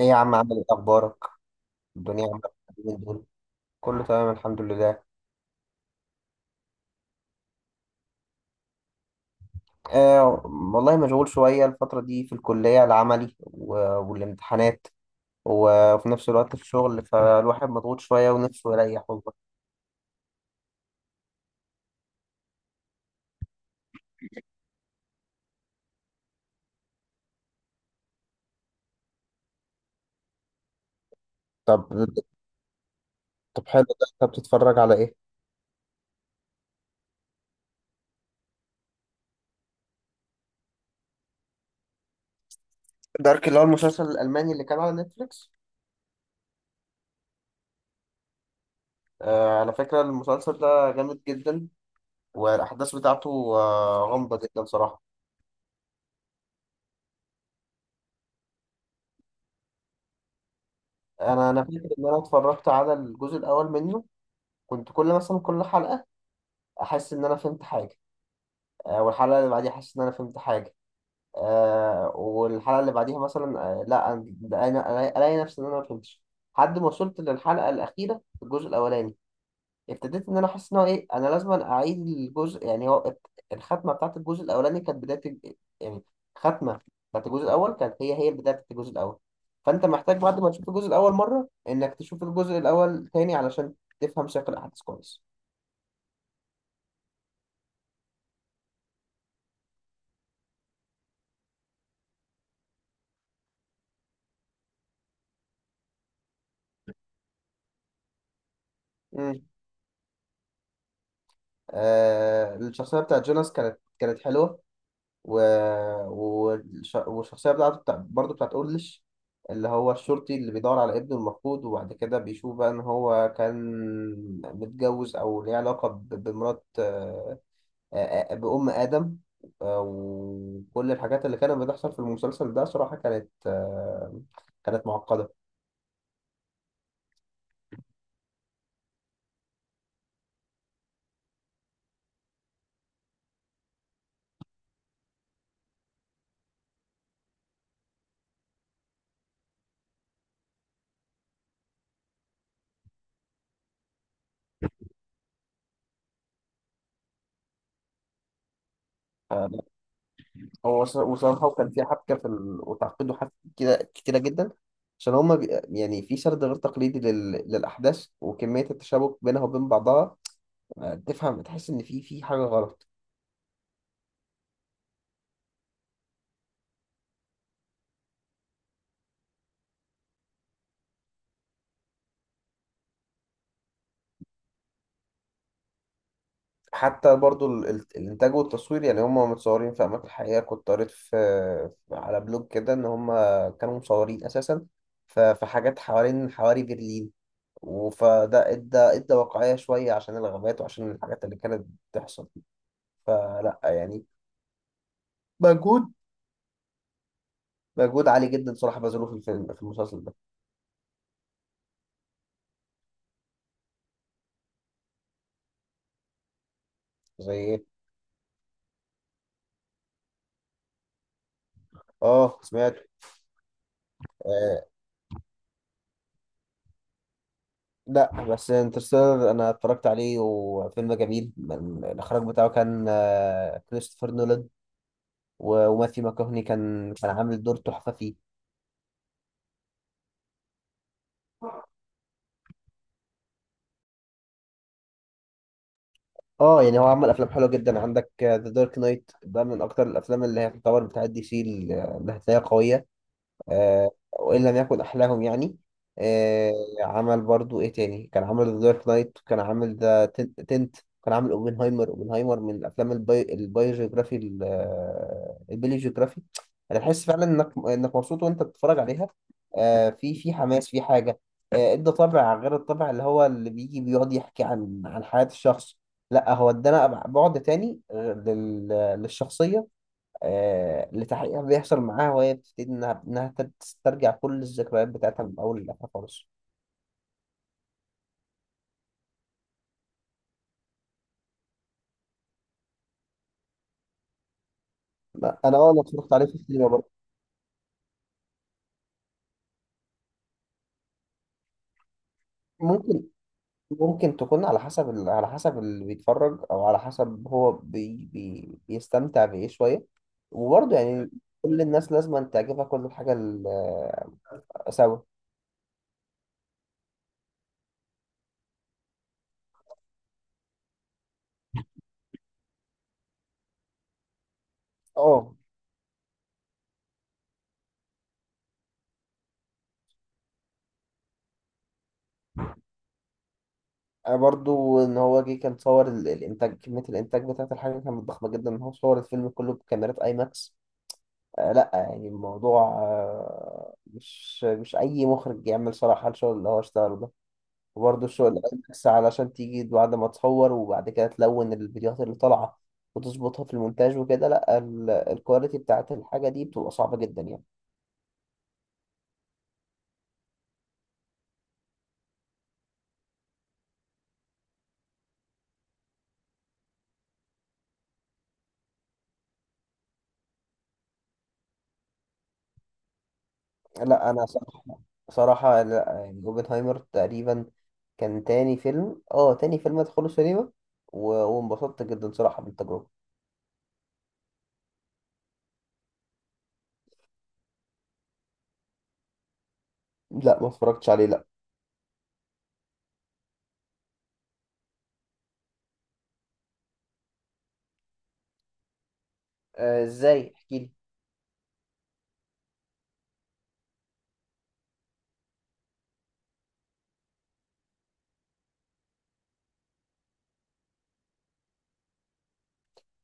ايه يا عم، عامل ايه، اخبارك؟ الدنيا عامله إيه اليومين دول؟ كله تمام، الحمد لله. آه والله مشغول شويه الفتره دي في الكليه، العملي والامتحانات، وفي نفس الوقت في الشغل، فالواحد مضغوط شويه ونفسه يريح والله. طب طب حلو، ده انت بتتفرج على ايه؟ دارك، اللي هو المسلسل الالماني اللي كان على نتفليكس. على فكره المسلسل ده جامد جدا، والاحداث بتاعته غامضه جدا صراحه. انا فاكر ان انا اتفرجت على الجزء الاول منه، كنت كل مثلا كل حلقه احس ان انا فهمت حاجه، والحلقه اللي بعديها احس ان انا فهمت حاجه، والحلقه اللي بعديها مثلا لا الاقي نفسي ان انا ما فهمتش، لحد ما وصلت للحلقه الاخيره في الجزء الاولاني ابتديت ان انا احس ان هو ايه، انا لازم اعيد الجزء، يعني هو الختمه بتاعت الجزء الاولاني كانت بدايه يعني الختمه بتاعت الجزء الاول كانت هي هي البدايه بتاعت الجزء الاول، فانت محتاج بعد ما تشوف الجزء الاول مره انك تشوف الجزء الاول تاني علشان تفهم سياق الاحداث كويس. مم. الشخصية بتاعت جوناس كانت حلوة، و... والشخصية بتاعته برضه بتاعت أورليش، اللي هو الشرطي اللي بيدور على ابنه المفقود، وبعد كده بيشوف بقى إن هو كان متجوز أو ليه علاقة بمرات بأم آدم. وكل الحاجات اللي كانت بتحصل في المسلسل ده صراحة كانت كانت معقدة. هو وصراحة وكان في حبكة في وتعقيده حبكة كده كتيرة جدا، عشان هما يعني في سرد غير تقليدي للأحداث وكمية التشابك بينها وبين بعضها، تفهم تحس إن في حاجة غلط. حتى برضو الإنتاج والتصوير، يعني هما متصورين في أماكن حقيقية. كنت قريت على بلوج كده إن هما كانوا مصورين أساسا في حاجات حوالين حواري برلين، فده ادى واقعية شوية، عشان الغابات وعشان الحاجات اللي كانت بتحصل. فلا يعني مجهود مجهود عالي جدا صراحة بذلوه في المسلسل ده. زي ايه؟ اه، سمعته. آه لا بس انترستيلر انا اتفرجت عليه وفيلم جميل، الاخراج بتاعه كان كريستوفر نولان، وماثيو ماكوهني كان عامل دور تحفة فيه. اه، يعني هو عمل افلام حلوة جدا، عندك ذا دارك نايت، ده من اكتر الافلام اللي هي تعتبر بتاعت دي سي اللي هتلاقيها قوية، وإن لم يكن أحلاهم يعني. آه، عمل برضو إيه تاني؟ كان عمل ذا دارك نايت، وكان عامل ذا تنت، كان عامل أوبنهايمر من الأفلام البايوجيوغرافي البيليوجيوغرافي. أنا بحس فعلا إنك مبسوط وأنت بتتفرج عليها، في حماس في حاجة، إدى طابع غير الطابع اللي هو اللي بيجي بيقعد يحكي عن حياة الشخص. لا، هو ادانا بعد تاني للشخصية، لتحقيق اللي بيحصل معاها، وهي بتبتدي إنها تسترجع كل الذكريات بتاعتها من أول لآخر خالص. لا، أنا اتفرجت عليه في السينما برضه. ممكن ممكن تكون على حسب على حسب اللي بيتفرج، أو على حسب هو بي بي بيستمتع بإيه شوية، وبرضه يعني كل الناس لازم أن تعجبها كل الحاجة سوا. أه. برضه إن هو جه كان صور الإنتاج، كمية الإنتاج بتاعت الحاجة كانت ضخمة جدا، إن هو صور الفيلم كله بكاميرات أي ماكس. لا يعني الموضوع مش اي مخرج يعمل صراحة الشغل اللي هو اشتغله ده. وبرضه الشغل اللي بس علشان تيجي بعد ما تصور وبعد كده تلون الفيديوهات اللي طالعة وتظبطها في المونتاج وكده، لا الكواليتي بتاعت الحاجة دي بتبقى صعبة جدا يعني. لا انا صراحة، لا يعني اوبنهايمر تقريبا كان تاني فيلم ادخله سينما، وانبسطت جدا صراحة بالتجربة. لا ما اتفرجتش عليه، لا. ازاي؟ احكي لي.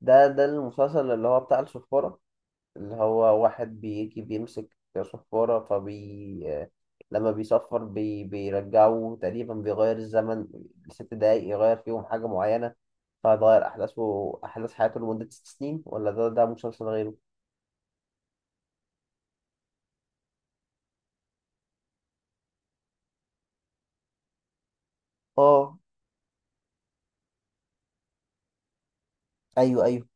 ده المسلسل اللي هو بتاع الصفارة، اللي هو واحد بيجي بيمسك صفارة فبي، لما بيصفر بيرجعه تقريبا، بيغير الزمن 6 دقايق، يغير فيهم حاجة معينة، فهيغير أحداثه أحداث حياته لمدة 6 سنين، ولا ده مسلسل غيره؟ اه، ايوه، ايوه.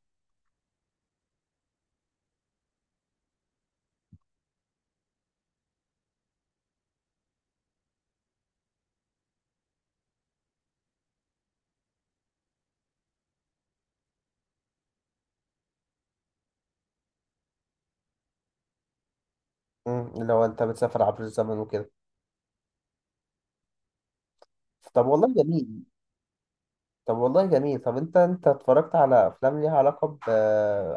اللي هو انت بتسافر عبر الزمن وكده. طب والله جميل. طب انت اتفرجت على افلام ليها علاقه ب...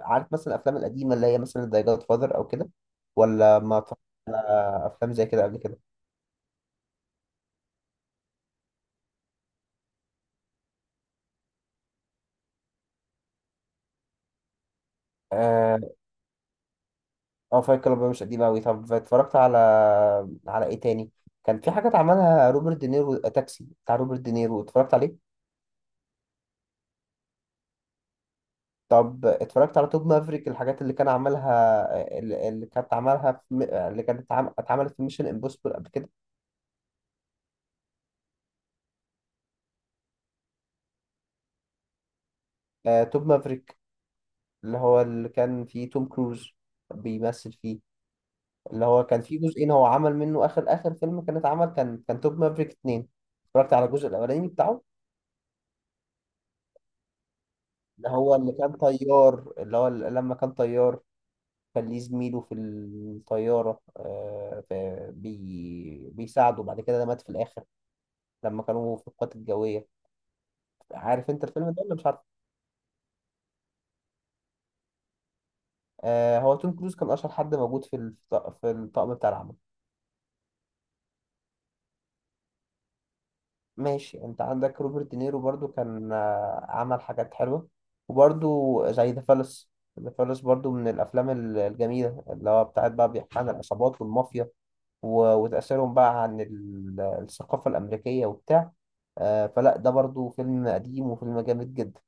عارف مثلا الافلام القديمه اللي هي مثلا زي جاد فاذر او كده، ولا ما اتفرجت على افلام زي كده قبل كده؟ اه. اه، فايت كلاب مش قديم قوي. طب اتفرجت على ايه تاني؟ كان في حاجات عملها روبرت دينيرو، تاكسي بتاع روبرت دينيرو اتفرجت عليه. طب اتفرجت على توب مافريك، الحاجات اللي كان عملها اللي كانت عملها اللي كانت اتعملت في ميشن امبوسيبل قبل كده، توب مافريك اللي هو اللي كان فيه توم كروز بيمثل فيه، اللي هو كان فيه جزئين، هو عمل منه آخر آخر فيلم، كان اتعمل كان توب مافريك 2. اتفرجت على الجزء الأولاني بتاعه، اللي هو اللي كان طيار، اللي هو لما كان طيار كان ليه زميله في الطيارة، بيساعده، بعد كده ده مات في الآخر لما كانوا في القوات الجوية. عارف أنت الفيلم ده ولا مش عارف؟ هو توم كروز كان أشهر حد موجود في في الطاقم بتاع العمل. ماشي، انت عندك روبرت دينيرو برضو كان عمل حاجات حلوة، وبرضو زي ذا فالس. ذا فالس برضو من الأفلام الجميلة، اللي هو بتاعت بقى بيحكي عن العصابات والمافيا، وتأثيرهم بقى عن الثقافة الأمريكية وبتاع، فلا ده برضو فيلم قديم وفيلم جامد جدا.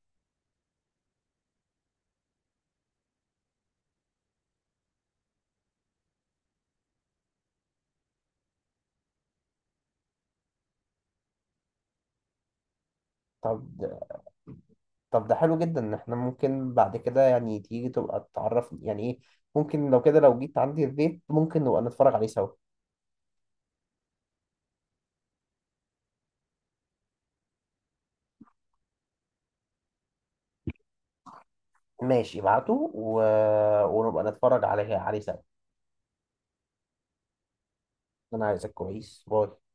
طب ده- طب ده حلو جدا ان احنا ممكن بعد كده يعني تيجي تبقى تعرفني يعني ايه. ممكن لو كده لو جيت عندي البيت ممكن نبقى نتفرج عليه سوا. ماشي، ابعته ونبقى نتفرج عليه سوا. انا عايزك كويس، باي.